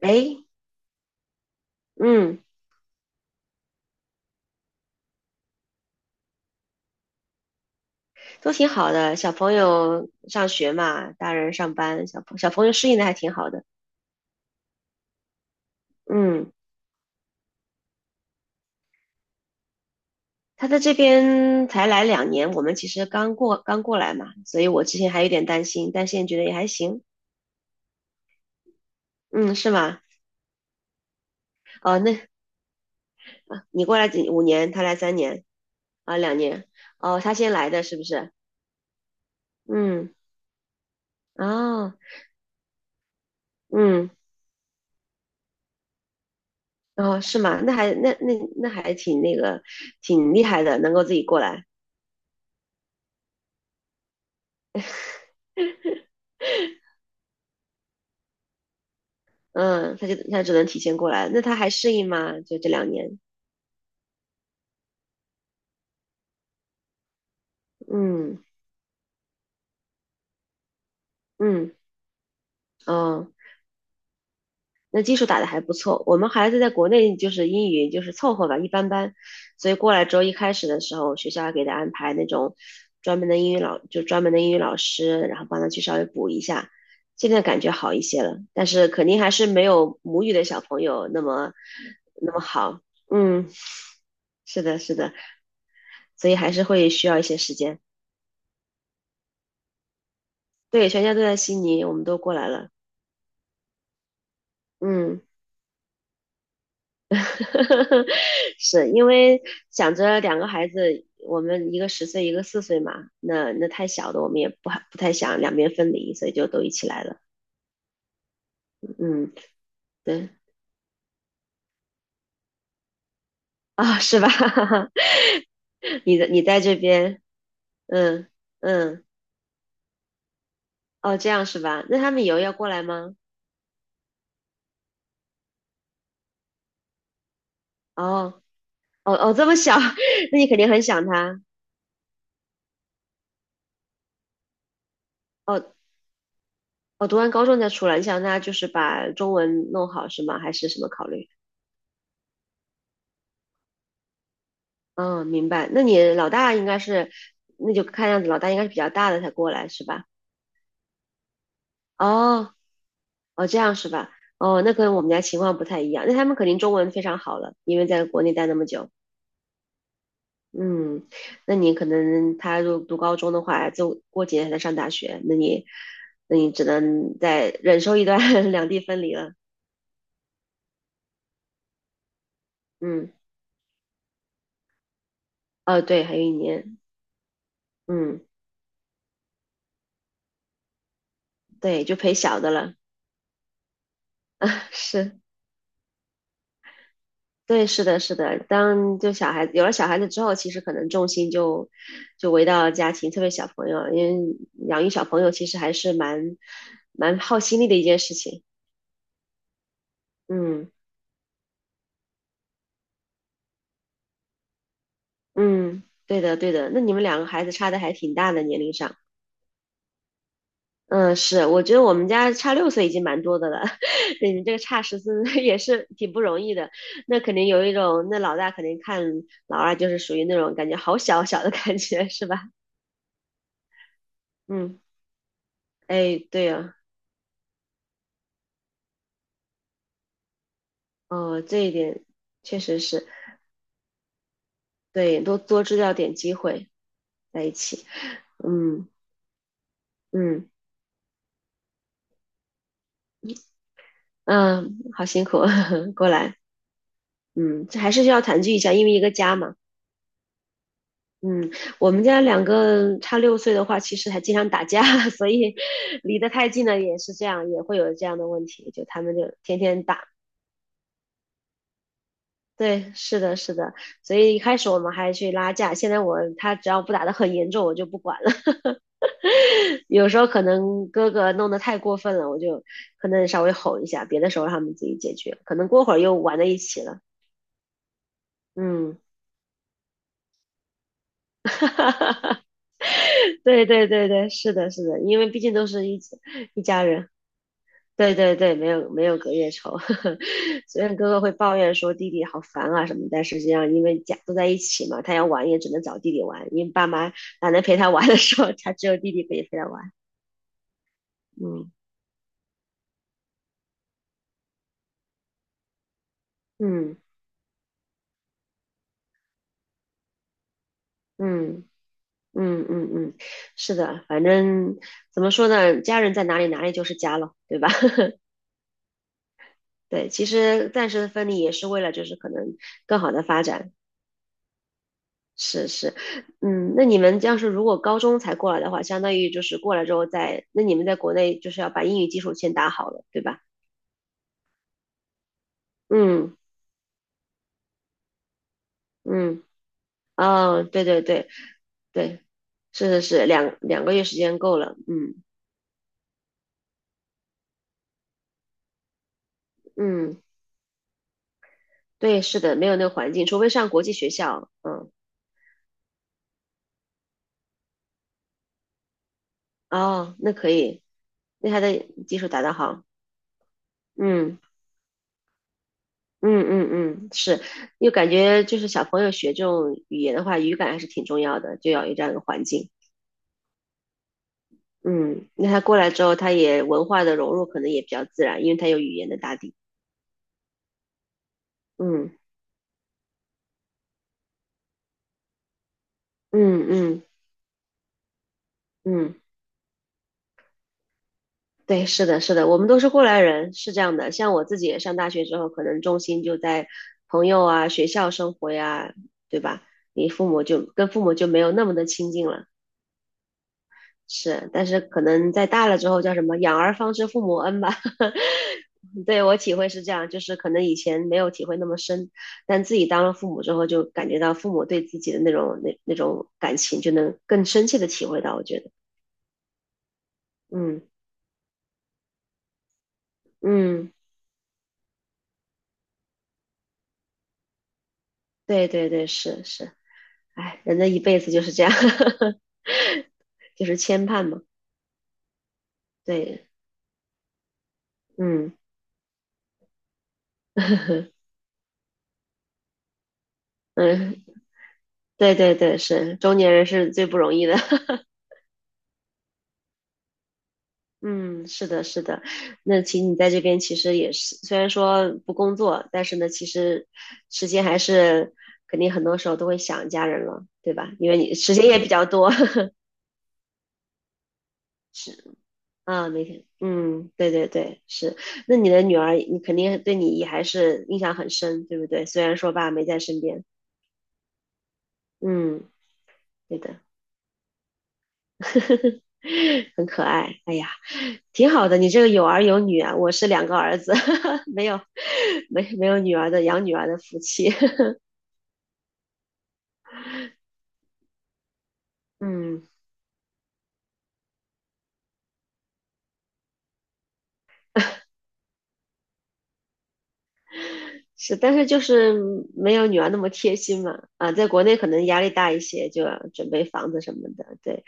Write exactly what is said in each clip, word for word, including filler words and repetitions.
诶，嗯，都挺好的。小朋友上学嘛，大人上班，小朋小朋友适应的还挺好的。嗯，他在这边才来两年，我们其实刚过刚过来嘛，所以我之前还有点担心，但现在觉得也还行。嗯，是吗？哦，那你过来几五年，他来三年啊，两年。哦，他先来的是不是？嗯，哦，嗯，哦，是吗？那还那那那还挺那个，挺厉害的，能够自己过来。嗯，他就他只能提前过来，那他还适应吗？就这两年，嗯嗯哦，那基础打得还不错。我们孩子在国内就是英语就是凑合吧，一般般，所以过来之后一开始的时候，学校还给他安排那种专门的英语老，就专门的英语老师，然后帮他去稍微补一下。现在感觉好一些了，但是肯定还是没有母语的小朋友那么那么好。嗯，是的，是的，所以还是会需要一些时间。对，全家都在悉尼，我们都过来了。嗯，是因为想着两个孩子，我们一个十岁，一个四岁嘛，那那太小的，我们也不不太想两边分离，所以就都一起来了。嗯，对啊、是吧？你的你在这边，嗯嗯，哦，这样是吧？那他们以后要过来吗？哦哦哦，这么小，那你肯定很想他。哦哦，读完高中再出来，你想他就是把中文弄好是吗？还是什么考虑？嗯，明白。那你老大应该是，那就看样子老大应该是比较大的才过来是吧？哦，哦，这样是吧？哦，那跟我们家情况不太一样。那他们肯定中文非常好了，因为在国内待那么久。嗯，那你可能他如读高中的话，就过几年才上大学，那你，那你只能再忍受一段 两地分离了。嗯，哦，对，还有一年。嗯，对，就陪小的了。是。对，是的，是的。当就小孩子有了小孩子之后，其实可能重心就就回到家庭，特别小朋友，因为养育小朋友其实还是蛮蛮耗心力的一件事情。嗯嗯，对的对的。那你们两个孩子差的还挺大的年龄上。嗯，是，我觉得我们家差六岁已经蛮多的了，对你这个差十四 岁也是挺不容易的。那肯定有一种，那老大肯定看老二就是属于那种感觉好小小的感觉，是吧？嗯，哎，对呀、哦，这一点确实是对，多多制造点机会在一起，嗯嗯嗯，好辛苦，过来，嗯，这还是需要团聚一下，因为一个家嘛，嗯，我们家两个差六岁的话，其实还经常打架，所以离得太近了也是这样，也会有这样的问题，就他们就天天打，对，是的，是的，所以一开始我们还去拉架，现在我他只要不打得很严重，我就不管了，有时候可能哥哥弄得太过分了，我就可能稍微吼一下，别的时候他们自己解决，可能过会儿又玩在一起了。嗯，对对对对，是的，是的，因为毕竟都是一起一家人。对对对，没有没有隔夜仇。虽然哥哥会抱怨说弟弟好烦啊什么，但实际上因为家都在一起嘛，他要玩也只能找弟弟玩，因为爸妈懒得陪他玩的时候，他只有弟弟可以陪他玩。嗯嗯嗯。嗯嗯嗯，是的，反正怎么说呢，家人在哪里，哪里就是家了，对吧？对，其实暂时的分离也是为了，就是可能更好的发展。是是，嗯，那你们要是如果高中才过来的话，相当于就是过来之后再，那你们在国内就是要把英语基础先打好了，对吧？嗯嗯，哦，对对对对，是是是，两两个月时间够了，嗯嗯，对，是的，没有那个环境，除非上国际学校，嗯。哦，那可以，那他的基础打得好。嗯嗯嗯嗯，是，又感觉就是小朋友学这种语言的话，语感还是挺重要的，就要有这样一个环境。嗯，那他过来之后，他也文化的融入可能也比较自然，因为他有语言的打底。嗯嗯嗯嗯，对，是的，是的，我们都是过来人，是这样的。像我自己也上大学之后，可能重心就在朋友啊、学校生活呀，对吧？你父母就跟父母就没有那么的亲近了。是，但是可能在大了之后叫什么"养儿方知父母恩"吧。对我体会是这样，就是可能以前没有体会那么深，但自己当了父母之后，就感觉到父母对自己的那种那那种感情，就能更深切的体会到。我觉得，嗯嗯，对对对，是是，哎，人的一辈子就是这样，就是牵绊嘛。对，嗯 嗯，对对对，是中年人是最不容易的。嗯，是的，是的。那其实你在这边其实也是，虽然说不工作，但是呢，其实时间还是肯定很多时候都会想家人了，对吧？因为你时间也比较多，是啊，每天，嗯，对对对，是。那你的女儿，你肯定对你也还是印象很深，对不对？虽然说爸没在身边，嗯，对的，很可爱。哎呀。挺好的，你这个有儿有女啊，我是两个儿子，没有没没有女儿的养女儿的福气，嗯，是，但是就是没有女儿那么贴心嘛，啊，在国内可能压力大一些，就要准备房子什么的，对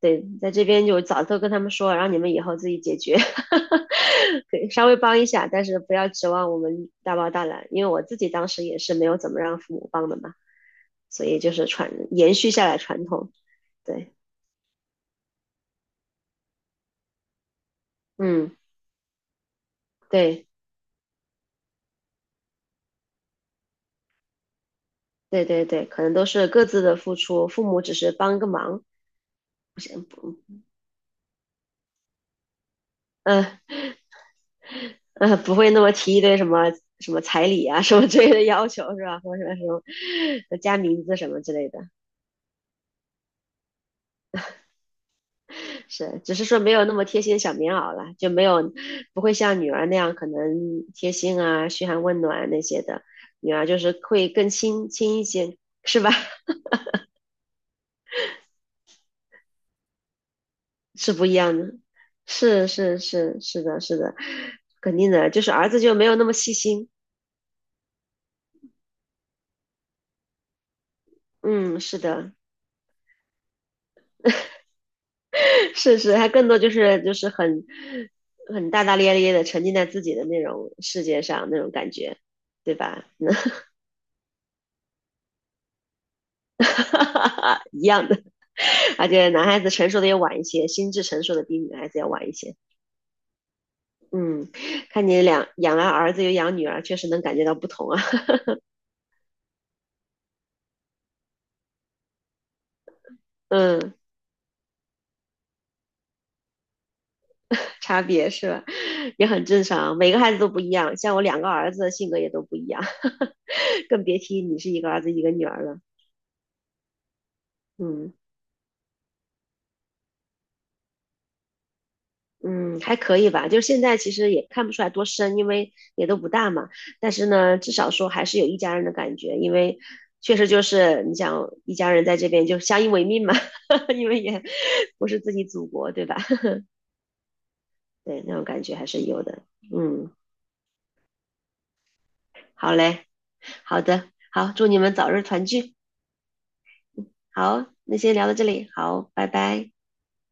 对，在这边就早都跟他们说，让你们以后自己解决，可以稍微帮一下，但是不要指望我们大包大揽，因为我自己当时也是没有怎么让父母帮的嘛，所以就是传延续下来传统，对，嗯，对。对对对，可能都是各自的付出，父母只是帮个忙，不行不，嗯、呃嗯、呃不会那么提一堆什么什么彩礼啊什么之类的要求是吧？或者什么什么加名字什么之类的，是，只是说没有那么贴心小棉袄了，就没有不会像女儿那样可能贴心啊、嘘寒问暖那些的，女儿就是会更亲亲一些，是吧？是不一样的，是是是是的，是的，肯定的，就是儿子就没有那么细心，嗯，是的。是是，他更多就是就是很很大大咧咧的沉浸在自己的那种世界上那种感觉，对吧？一样的，而且男孩子成熟的也晚一些，心智成熟的比女孩子要晚一些。嗯，看你两养了儿子又养女儿，确实能感觉到不同啊。嗯，差别是吧？也很正常，每个孩子都不一样。像我两个儿子性格也都不一样，更别提你是一个儿子一个女儿了。嗯。嗯，还可以吧，就是现在其实也看不出来多深，因为也都不大嘛。但是呢，至少说还是有一家人的感觉，因为确实就是你想一家人在这边就相依为命嘛，因为也不是自己祖国，对吧？对，那种感觉还是有的。嗯，好嘞，好的，好，祝你们早日团聚。好，那先聊到这里，好，拜拜。